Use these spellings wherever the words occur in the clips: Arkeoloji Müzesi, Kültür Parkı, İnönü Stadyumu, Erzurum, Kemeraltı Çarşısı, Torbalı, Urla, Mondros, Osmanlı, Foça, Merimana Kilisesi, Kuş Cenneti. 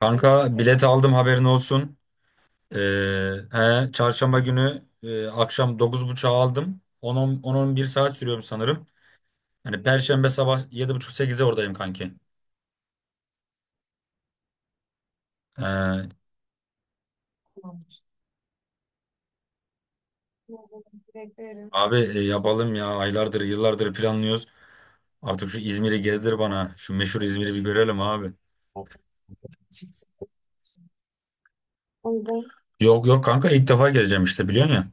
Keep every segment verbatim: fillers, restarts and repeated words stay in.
Kanka bilet aldım, haberin olsun. Ee, he, çarşamba günü e, akşam dokuz otuza aldım. on bir bir saat sürüyorum sanırım. Hani Perşembe sabah yedi buçuk sekize oradayım kanki. Ee, Abi e, yapalım ya, aylardır yıllardır planlıyoruz. Artık şu İzmir'i gezdir bana. Şu meşhur İzmir'i bir görelim abi. Yok yok kanka, ilk defa geleceğim işte, biliyorsun ya.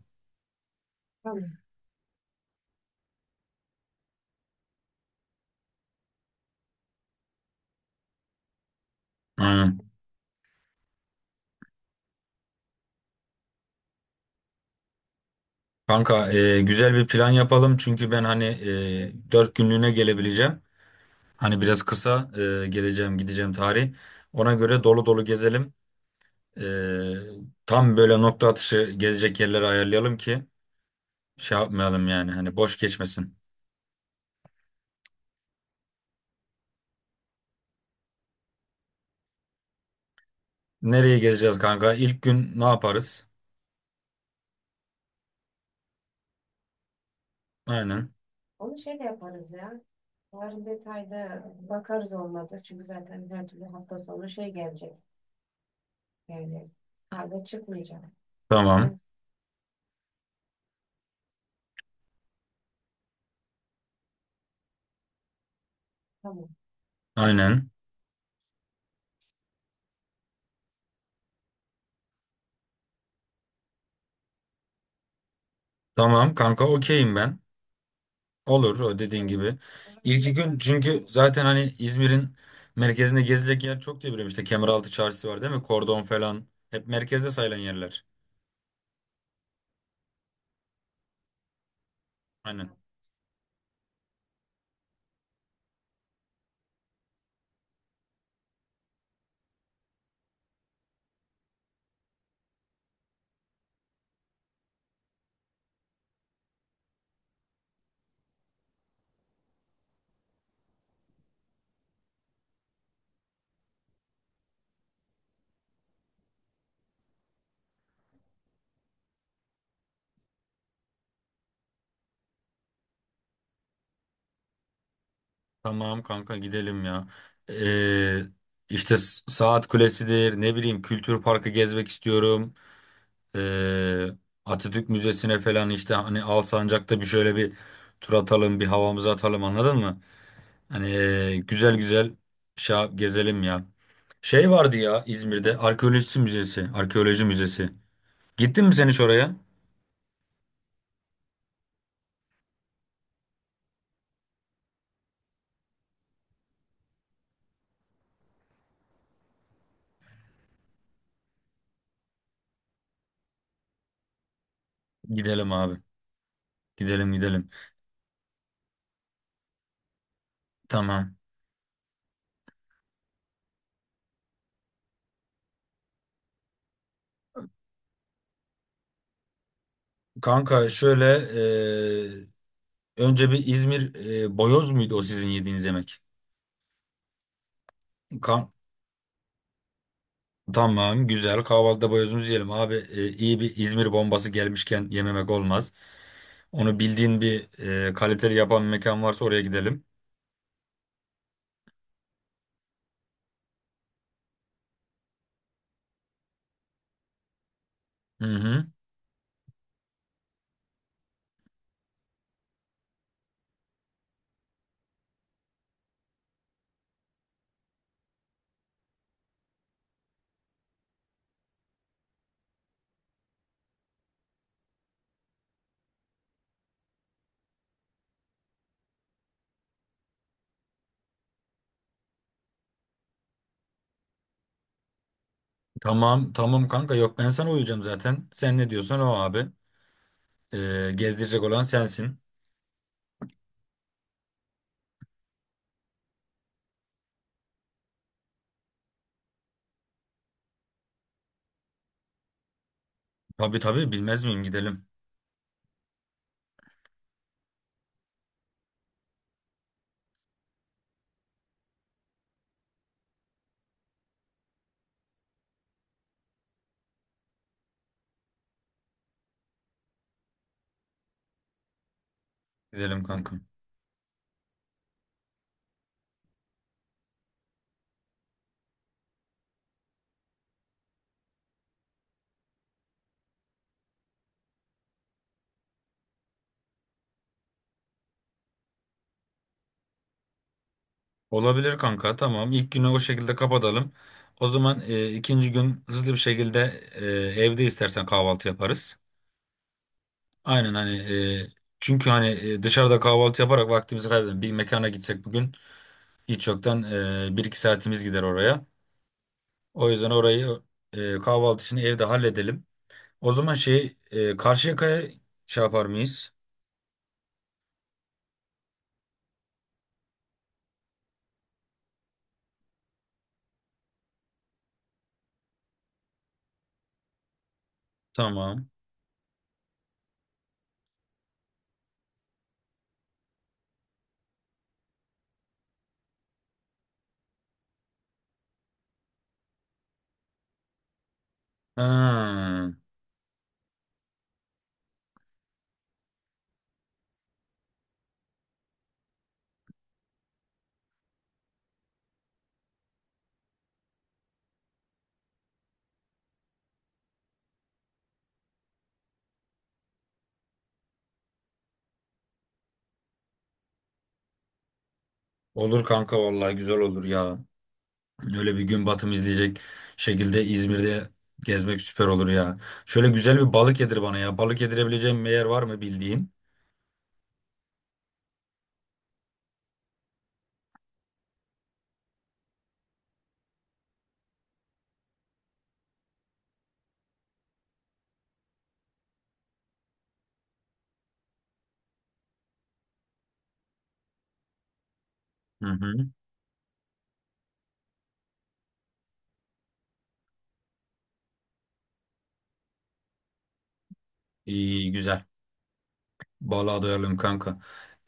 Aynen. Kanka e, güzel bir plan yapalım, çünkü ben hani e, dört günlüğüne gelebileceğim. Hani biraz kısa e, geleceğim gideceğim tarih. Ona göre dolu dolu gezelim. E, Tam böyle nokta atışı gezecek yerleri ayarlayalım ki şey yapmayalım, yani hani boş geçmesin. Nereye gezeceğiz kanka? İlk gün ne yaparız? Aynen. Tamam. Evet. Aynen. Tamam kanka, okeyim ben. Olur, o dediğin evet gibi. İlk iki gün, çünkü zaten hani İzmir'in merkezinde gezilecek yer çok diye biliyorum. İşte Kemeraltı Çarşısı var değil mi? Kordon falan. Hep merkezde sayılan yerler. Aynen. Tamam kanka, gidelim ya. Ee, işte S- Saat Kulesi'dir, ne bileyim, Kültür Parkı gezmek istiyorum. Ee, Atatürk Müzesi'ne falan işte, hani Alsancak'ta bir şöyle bir tur atalım, bir havamızı atalım, anladın mı? Hani ee, güzel güzel şey yap- gezelim ya. Şey vardı ya, İzmir'de Arkeoloji Müzesi. Arkeoloji Müzesi. Gittin mi sen hiç oraya? Gidelim abi. Gidelim gidelim. Tamam. Kanka şöyle ee, önce bir İzmir e, boyoz muydu o sizin yediğiniz yemek? Kam- tamam, güzel, kahvaltıda boyozumuzu yiyelim abi. E, iyi bir İzmir bombası gelmişken yememek olmaz. Onu bildiğin bir e, kaliteli yapan bir mekan varsa oraya gidelim. Hı hı. Tamam tamam kanka, yok ben sana uyacağım zaten. Sen ne diyorsan o abi. E, gezdirecek olan sensin. Tabii tabii, bilmez miyim, gidelim. Gidelim kanka. Olabilir kanka, tamam. İlk günü o şekilde kapatalım. O zaman e, ikinci gün hızlı bir şekilde e, evde istersen kahvaltı yaparız. Aynen hani, e, çünkü hani e, dışarıda kahvaltı yaparak vaktimizi kaybedelim. Bir mekana gitsek bugün, hiç yoktan e, bir iki saatimiz gider oraya. O yüzden orayı e, kahvaltı için evde halledelim. O zaman şey, e, Karşıyaka'ya şey yapar mıyız? Tamam. Ha, olur kanka, vallahi güzel olur ya. Öyle bir gün batımı izleyecek şekilde İzmir'de gezmek süper olur ya. Şöyle güzel bir balık yedir bana ya. Balık yedirebileceğim bir yer var mı bildiğin? Hı hı. İyi, güzel. Balığa doyalım kanka.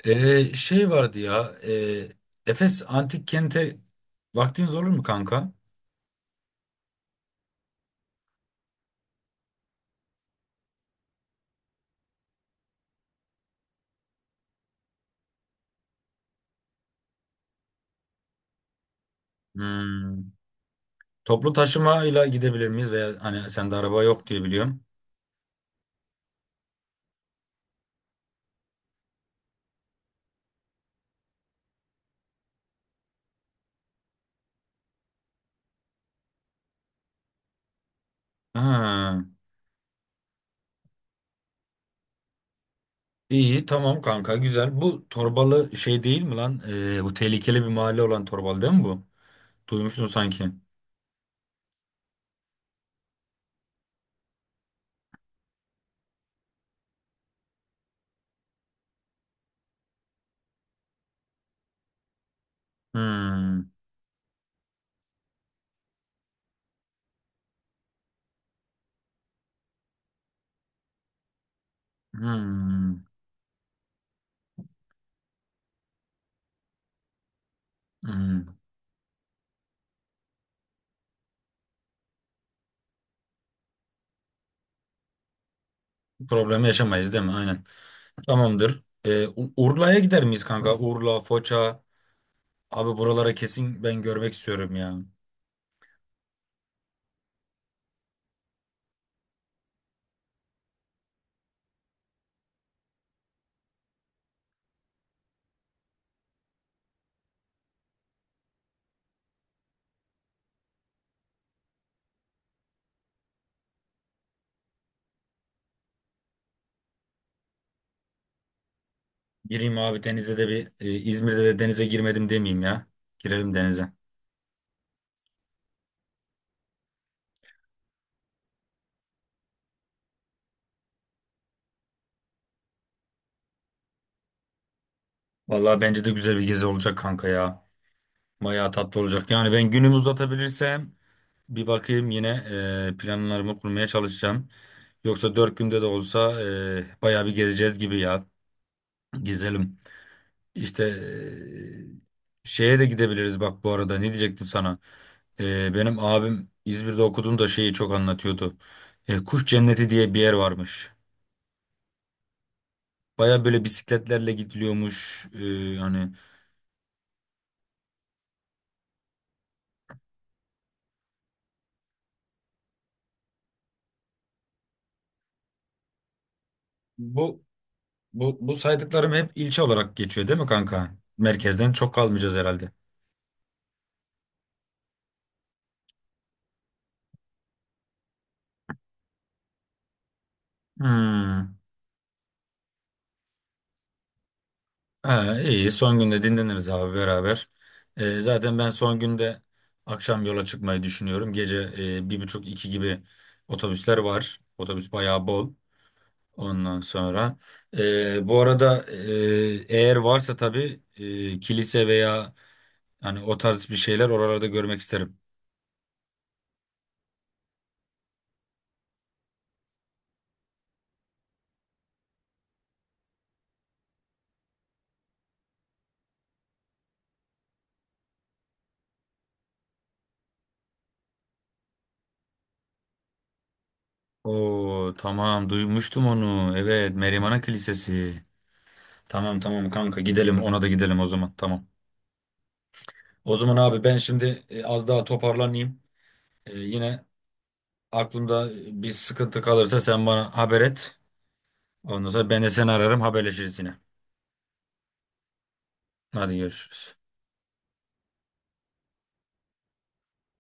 Ee, şey vardı ya. E, Efes Antik Kent'e vaktiniz olur mu kanka? Hmm. Toplu taşımayla gidebilir miyiz? Veya hani sende araba yok diye biliyorum. Ha. İyi, tamam kanka, güzel. Bu Torbalı şey değil mi lan? Ee, bu tehlikeli bir mahalle olan Torbalı değil mi bu? Duymuştum sanki. Hmm. Hmm. Hmm. Problem yaşamayız değil mi? Aynen. Tamamdır. Ee, U- Urla'ya gider miyiz kanka? Urla, Foça. Abi, buralara kesin ben görmek istiyorum ya. Gireyim abi denize de, bir e, İzmir'de de denize girmedim demeyeyim ya. Girelim denize. Vallahi bence de güzel bir gezi olacak kanka ya. Bayağı tatlı olacak. Yani ben günümü uzatabilirsem bir bakayım yine, e, planlarımı kurmaya çalışacağım. Yoksa dört günde de olsa, e, bayağı bir gezeceğiz gibi ya. Gezelim. İşte e, şeye de gidebiliriz bak, bu arada ne diyecektim sana. E, benim abim İzmir'de okuduğunda şeyi çok anlatıyordu. E, Kuş Cenneti diye bir yer varmış. Baya böyle bisikletlerle gidiliyormuş. E, hani bu, bu bu saydıklarım hep ilçe olarak geçiyor değil mi kanka? Merkezden çok kalmayacağız herhalde. Hmm. Ha, iyi. Son günde dinleniriz abi beraber. Ee, zaten ben son günde akşam yola çıkmayı düşünüyorum. Gece e, bir buçuk iki gibi otobüsler var. Otobüs bayağı bol. Ondan sonra, e, bu arada, e, eğer varsa tabii e, kilise veya hani o tarz bir şeyler, oralarda görmek isterim. Oo tamam, duymuştum onu. Evet, Merimana Kilisesi. Tamam tamam kanka, gidelim, ona da gidelim o zaman, tamam. O zaman abi ben şimdi e, az daha toparlanayım. Ee, yine aklımda bir sıkıntı kalırsa sen bana haber et. Ondan sonra ben de seni ararım, haberleşiriz yine. Hadi, görüşürüz.